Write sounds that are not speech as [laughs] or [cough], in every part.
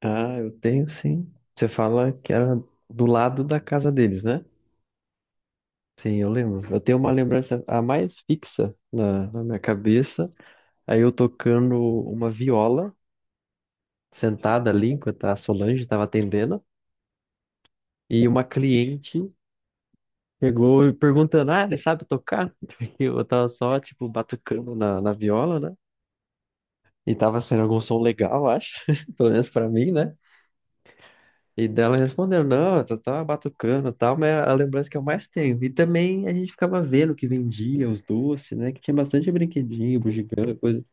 Ah, eu tenho sim. Você fala que era do lado da casa deles, né? Sim, eu lembro. Eu tenho uma lembrança a mais fixa na minha cabeça. Aí eu tocando uma viola, sentada ali, enquanto a Solange estava atendendo, e uma cliente chegou e perguntando: Ah, ele sabe tocar? [laughs] Porque eu tava só, tipo, batucando na viola, né? E tava sendo algum som legal, eu acho. [laughs] Pelo menos pra mim, né? E dela respondeu, não, eu só tava batucando e tal, mas é a lembrança que eu mais tenho. E também a gente ficava vendo o que vendia, os doces, né? Que tinha bastante brinquedinho, bugiganga, coisa.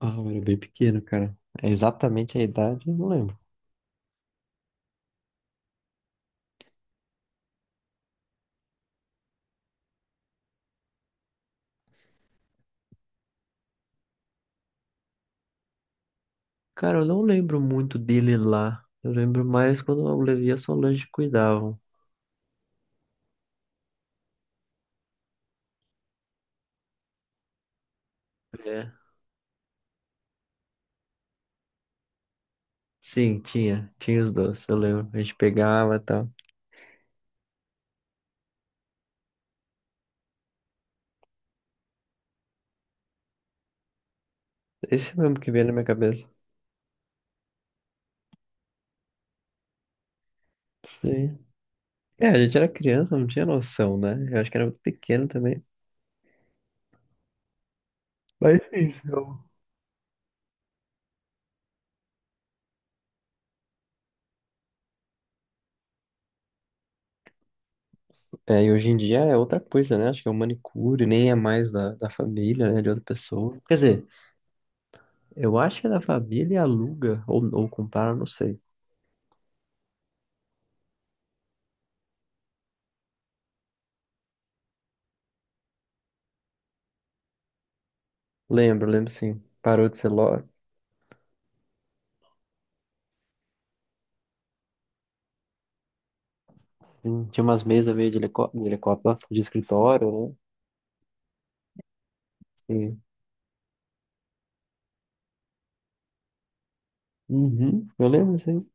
Ah, eu era bem pequeno, cara. É exatamente a idade, eu não lembro. Cara, eu não lembro muito dele lá. Eu lembro mais quando o Levi e a Solange cuidavam. É. Sim, tinha. Tinha os doces, eu lembro. A gente pegava e tal. Esse mesmo que veio na minha cabeça. Sim. É, a gente era criança, não tinha noção, né? Eu acho que era muito pequeno também. Mas é isso. É, e hoje em dia é outra coisa, né? Acho que é o manicure, nem é mais da família, né? De outra pessoa. Quer dizer, eu acho que é da família e aluga, ou compara, não sei. Lembro, lembro sim. Parou de ser loja. Hum. Tinha umas mesas meio de de helicóptero, né? De escritório, né? Sim. Uhum, eu lembro sim.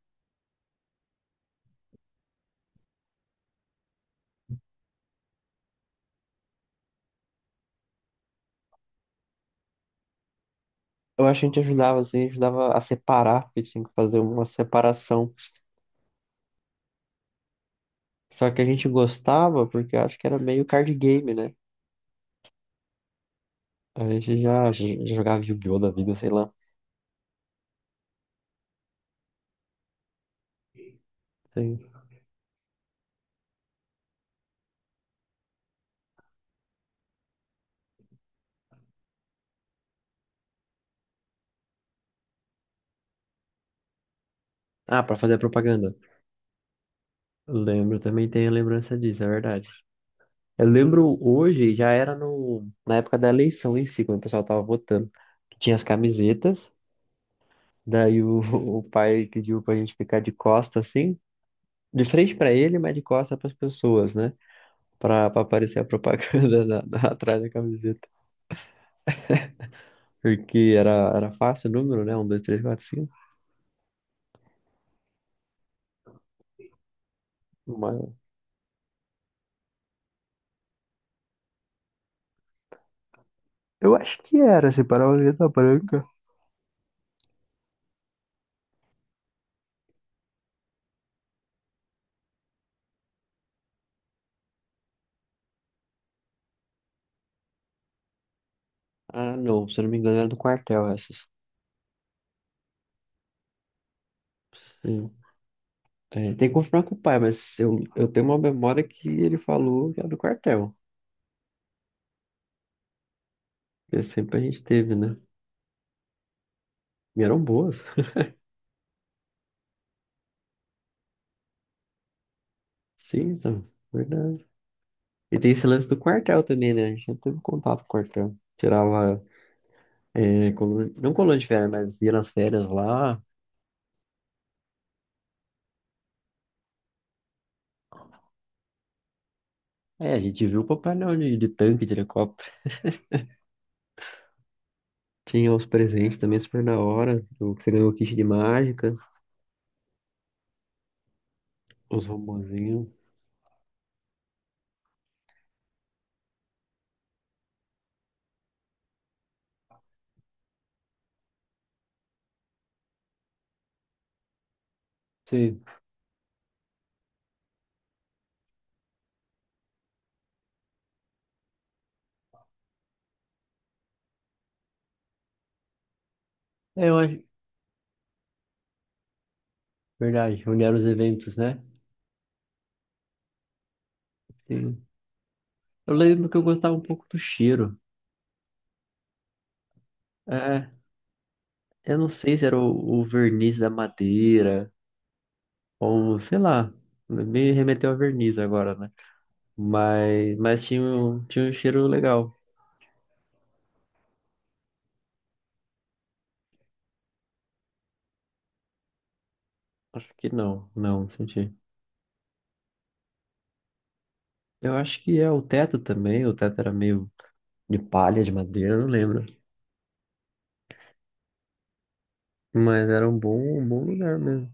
Eu acho que a gente ajudava, assim, ajudava a separar, porque tinha que fazer uma separação. Só que a gente gostava, porque eu acho que era meio card game, né? A gente já jogava Yu-Gi-Oh! Da vida, sei lá. Sim. Ah, pra fazer propaganda. Lembro, também tenho lembrança disso, é verdade. Eu lembro hoje, já era no, na época da eleição em si, quando o pessoal tava votando, que tinha as camisetas, daí o, [laughs] o pai pediu pra gente ficar de costa assim, de frente pra ele, mas de costa pras pessoas, né? Pra aparecer a propaganda [laughs] atrás da camiseta. Porque era fácil o número, né? Um, dois, três, quatro, cinco. Mas... eu acho que era, se parar uma letra branca. Ah, não, se eu não me engano, era do quartel essas. Sim. É, tem que confirmar com o pai, mas eu tenho uma memória que ele falou que era do quartel. Que sempre a gente teve, né? E eram boas. Sim, então, verdade. E tem esse lance do quartel também, né? A gente sempre teve contato com o quartel. Tirava, é, não coluna de férias, mas ia nas férias lá. É, a gente viu o Papai Noel de tanque, de helicóptero. Tinha os presentes também super da hora. O que você ganhou o kit de mágica, os robozinhos. Sim. É, eu acho, verdade, onde eram os eventos, né? Sim. Eu lembro que eu gostava um pouco do cheiro. É, eu não sei se era o verniz da madeira, ou sei lá, me remeteu a verniz agora, né? Mas tinha, tinha um cheiro legal. Acho que não, não senti. Eu acho que é o teto também, o teto era meio de palha, de madeira, eu não lembro. Mas era um bom lugar mesmo.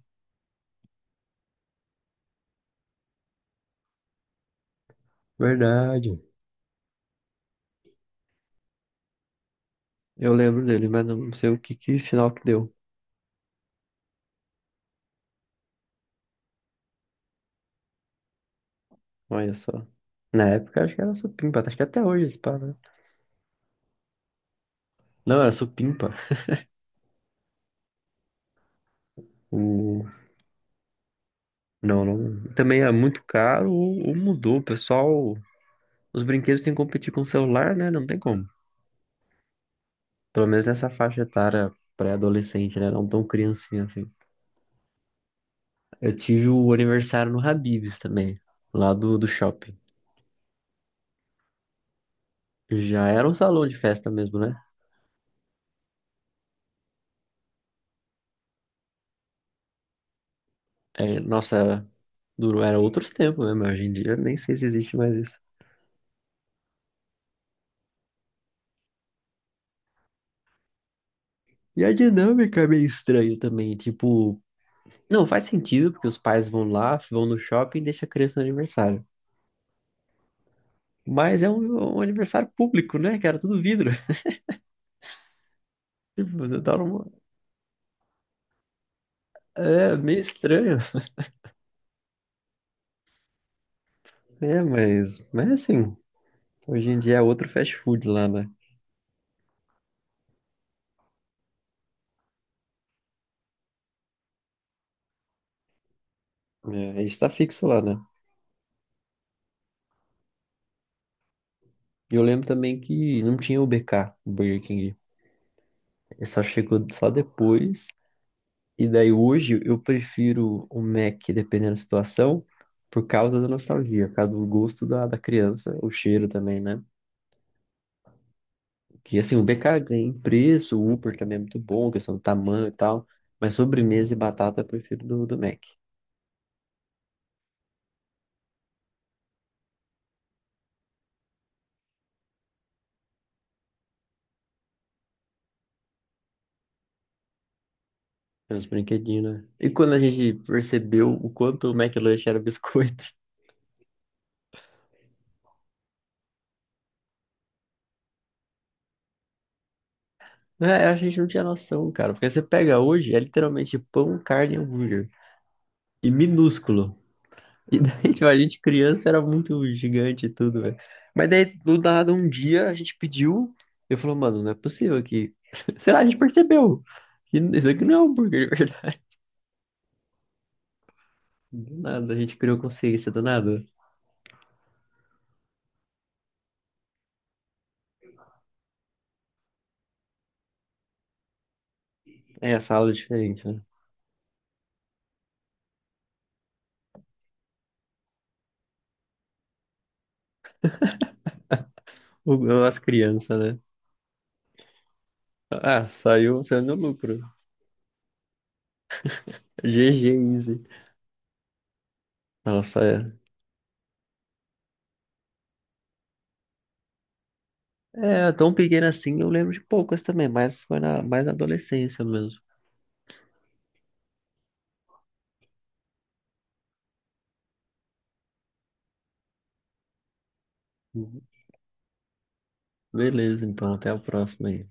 Verdade. Eu lembro dele, mas não sei o que, que final que deu. Olha só. Na época acho que era supimpa, acho que até hoje esse pá, né? Não, era supimpa. O... não, não. Também é muito caro ou mudou. O pessoal, os brinquedos têm que competir com o celular, né? Não tem como. Pelo menos nessa faixa etária pré-adolescente, né? Não tão criancinha assim. Eu tive o aniversário no Habib's também, lá do shopping. Já era um salão de festa mesmo, né? É, nossa, era, durou, era outros tempos mesmo. Hoje em dia nem sei se existe mais isso. E a dinâmica é meio estranha também. Tipo, não faz sentido, porque os pais vão lá, vão no shopping e deixam a criança no aniversário. Mas é um, um aniversário público, né, cara? Tudo vidro. [laughs] Tipo, você tá numa... é meio estranho. É, mas assim, hoje em dia é outro fast food lá, né? É, está fixo lá, né? E eu lembro também que não tinha o BK, o Burger King. Ele só chegou só depois. E daí hoje eu prefiro o Mac, dependendo da situação, por causa da nostalgia, por causa do gosto da criança, o cheiro também, né? Que assim, o BK ganha em preço, o Upper também é muito bom, questão do tamanho e tal. Mas sobremesa e batata eu prefiro do Mac. É uns brinquedinhos, né? E quando a gente percebeu o quanto o McLanche era biscoito, [laughs] né? A gente não tinha noção, cara. Porque você pega hoje, é literalmente pão, carne e hambúrguer. E minúsculo. E daí, [laughs] tipo, a gente criança era muito gigante e tudo, velho. Mas daí, do nada, um dia a gente pediu. Eu falei, mano, não é possível que. [laughs] Sei lá, a gente percebeu. Que isso aqui não é hambúrguer. [laughs] Do nada, a gente criou consciência, do nada. É, essa aula é diferente, né? As crianças, né? Ah, saiu, saiu no lucro. GG, easy. Nossa, é. É, tão pequena assim, eu lembro de poucas também, mas foi na, mais na adolescência mesmo. Uhum. Beleza, então, até a próxima aí.